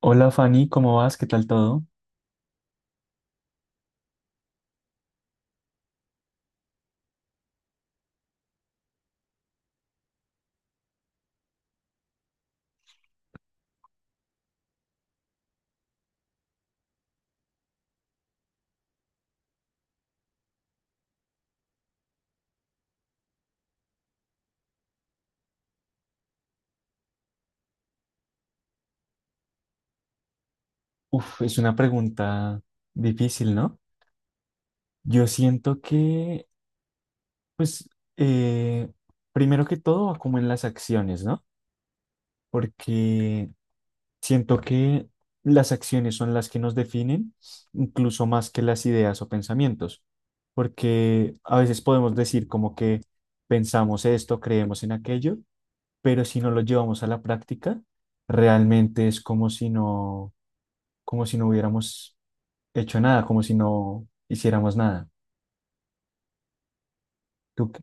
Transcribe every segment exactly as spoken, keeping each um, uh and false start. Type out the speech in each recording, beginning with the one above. Hola Fanny, ¿cómo vas? ¿Qué tal todo? Uf, es una pregunta difícil, ¿no? Yo siento que, pues, eh, primero que todo va como en las acciones, ¿no? Porque siento que las acciones son las que nos definen, incluso más que las ideas o pensamientos, porque a veces podemos decir como que pensamos esto, creemos en aquello, pero si no lo llevamos a la práctica, realmente es como si no, como si no hubiéramos hecho nada, como si no hiciéramos nada. Tú, qué-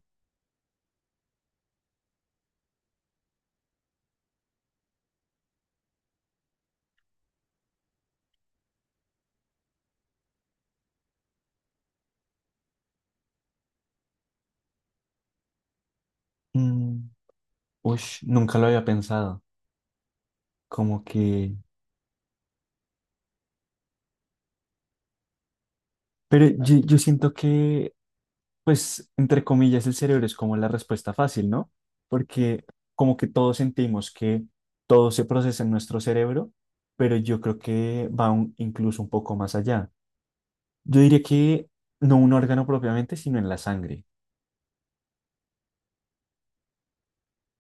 mm, ush, nunca lo había pensado, como que... Pero yo, yo siento que, pues, entre comillas, el cerebro es como la respuesta fácil, ¿no? Porque como que todos sentimos que todo se procesa en nuestro cerebro, pero yo creo que va un- incluso un poco más allá. Yo diría que no un órgano propiamente, sino en la sangre.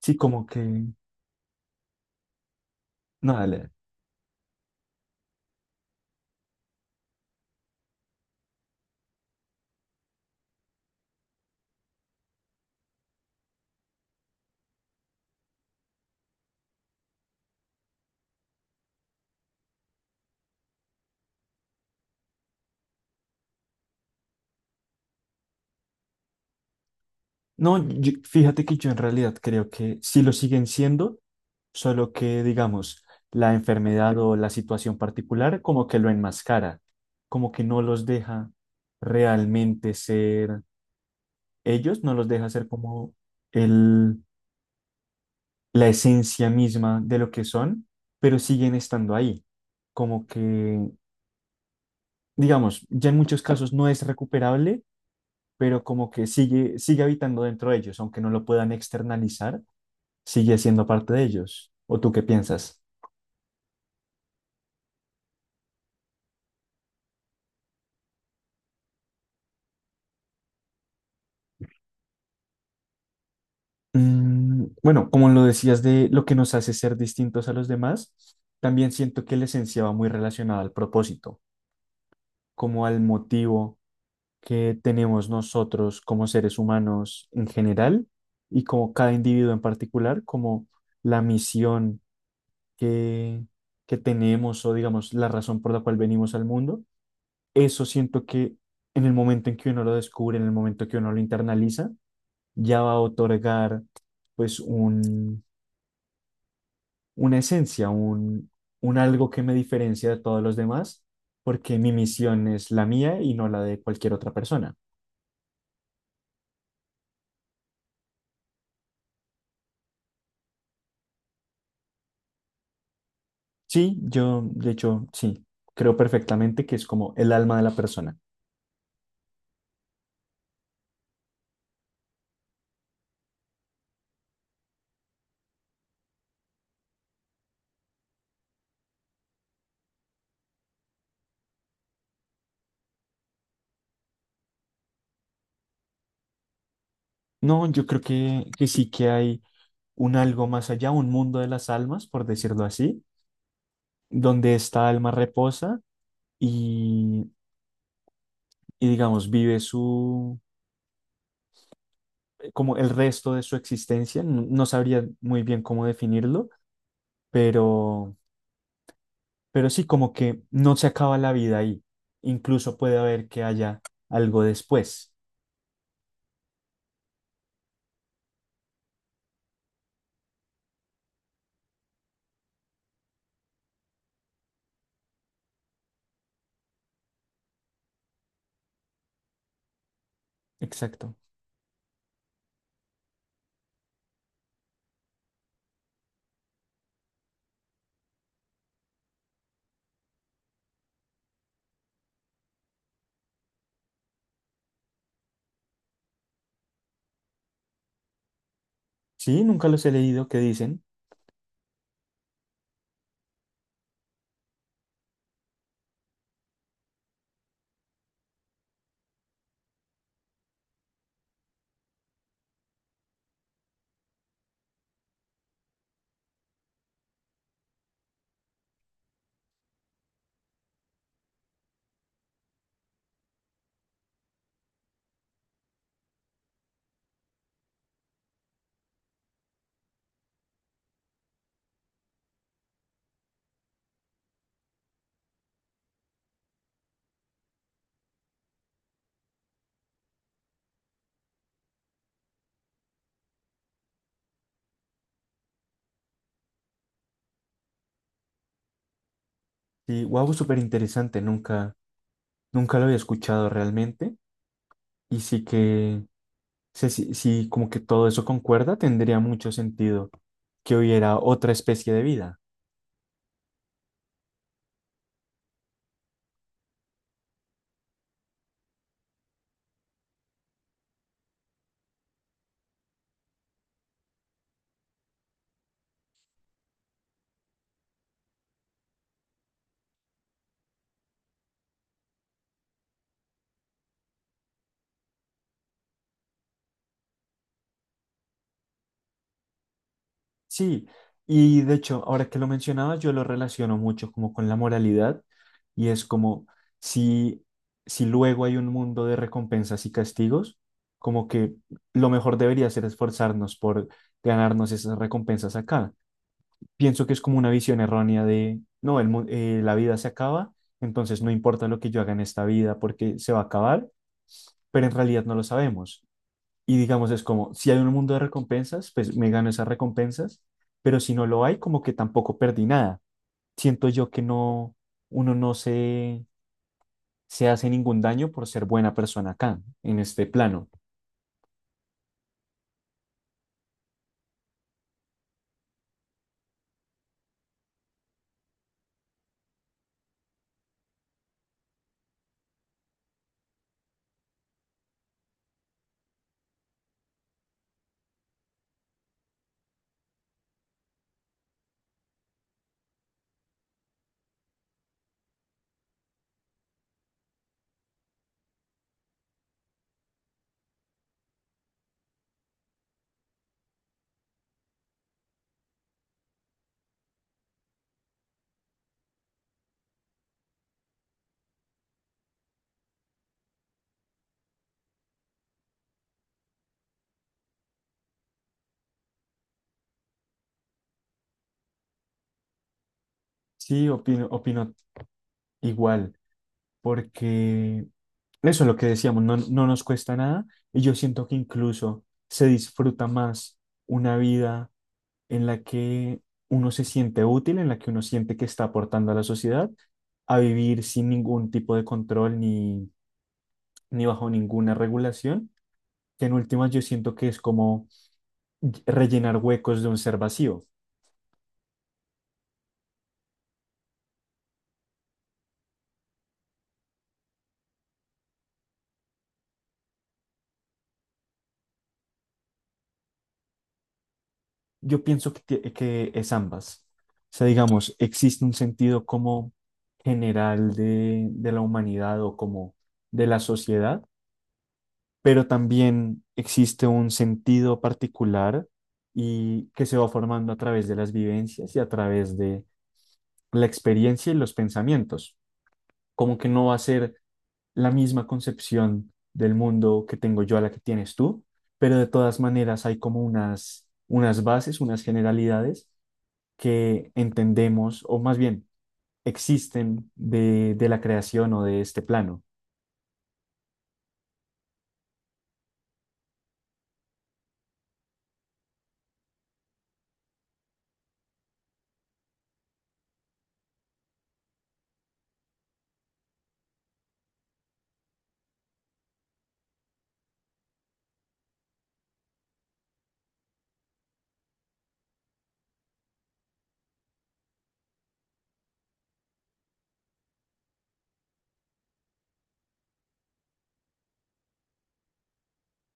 Sí, como que... No, dale. No, yo- fíjate que yo en realidad creo que sí lo siguen siendo, solo que, digamos, la enfermedad o la situación particular como que lo enmascara, como que no los deja realmente ser ellos, no los deja ser como el, la esencia misma de lo que son, pero siguen estando ahí. Como que, digamos, ya en muchos casos no es recuperable, pero como que sigue, sigue habitando dentro de ellos, aunque no lo puedan externalizar sigue siendo parte de ellos. ¿O tú qué piensas? Mm, bueno, como lo decías de lo que nos hace ser distintos a los demás, también siento que la esencia va muy relacionada al propósito, como al motivo que tenemos nosotros como seres humanos en general y como cada individuo en particular, como la misión que, que tenemos o digamos la razón por la cual venimos al mundo. Eso siento que en el momento en que uno lo descubre, en el momento que uno lo internaliza, ya va a otorgar pues un, una esencia, un, un algo que me diferencia de todos los demás, porque mi misión es la mía y no la de cualquier otra persona. Sí, yo, de hecho, sí, creo perfectamente que es como el alma de la persona. No, yo creo que, que sí que hay un algo más allá, un mundo de las almas, por decirlo así, donde esta alma reposa y, y digamos, vive como el resto de su existencia, no, no sabría muy bien cómo definirlo, pero, pero sí, como que no se acaba la vida ahí. Incluso puede haber que haya algo después. Exacto. Sí, nunca los he leído, ¿qué dicen? Sí, wow, súper interesante, nunca, nunca lo había escuchado realmente. Y sí que, sí, sí, sí, como que todo eso concuerda, tendría mucho sentido que hubiera otra especie de vida. Sí, y de hecho, ahora que lo mencionabas, yo lo relaciono mucho como con la moralidad y es como si, si luego hay un mundo de recompensas y castigos, como que lo mejor debería ser esforzarnos por ganarnos esas recompensas acá. Pienso que es como una visión errónea de, no, el, mu- eh, la vida se acaba, entonces no importa lo que yo haga en esta vida porque se va a acabar, pero en realidad no lo sabemos. Y digamos, es como, si hay un mundo de recompensas, pues me gano esas recompensas, pero si no lo hay, como que tampoco perdí nada. Siento yo que no, uno no se, se hace ningún daño por ser buena persona acá, en este plano. Sí, opino, opino igual, porque eso es lo que decíamos, no, no nos cuesta nada y yo siento que incluso se disfruta más una vida en la que uno se siente útil, en la que uno siente que está aportando a la sociedad, a vivir sin ningún tipo de control ni, ni bajo ninguna regulación, que en últimas yo siento que es como rellenar huecos de un ser vacío. Yo pienso que, tie- que es ambas. O sea, digamos, existe un sentido como general de, de la humanidad o como de la sociedad pero también existe un sentido particular y que se va formando a través de las vivencias y a través de la experiencia y los pensamientos. Como que no va a ser la misma concepción del mundo que tengo yo a la que tienes tú, pero de todas maneras hay como unas, unas bases, unas generalidades que entendemos, o más bien existen de, de la creación o de este plano.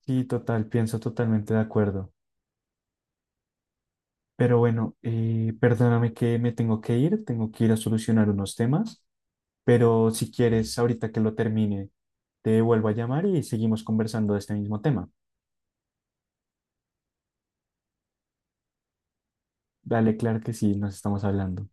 Sí, total, pienso totalmente de acuerdo. Pero bueno, eh, perdóname que me tengo que ir, tengo que ir a solucionar unos temas, pero si quieres, ahorita que lo termine, te vuelvo a llamar y seguimos conversando de este mismo tema. Dale, claro que sí, nos estamos hablando.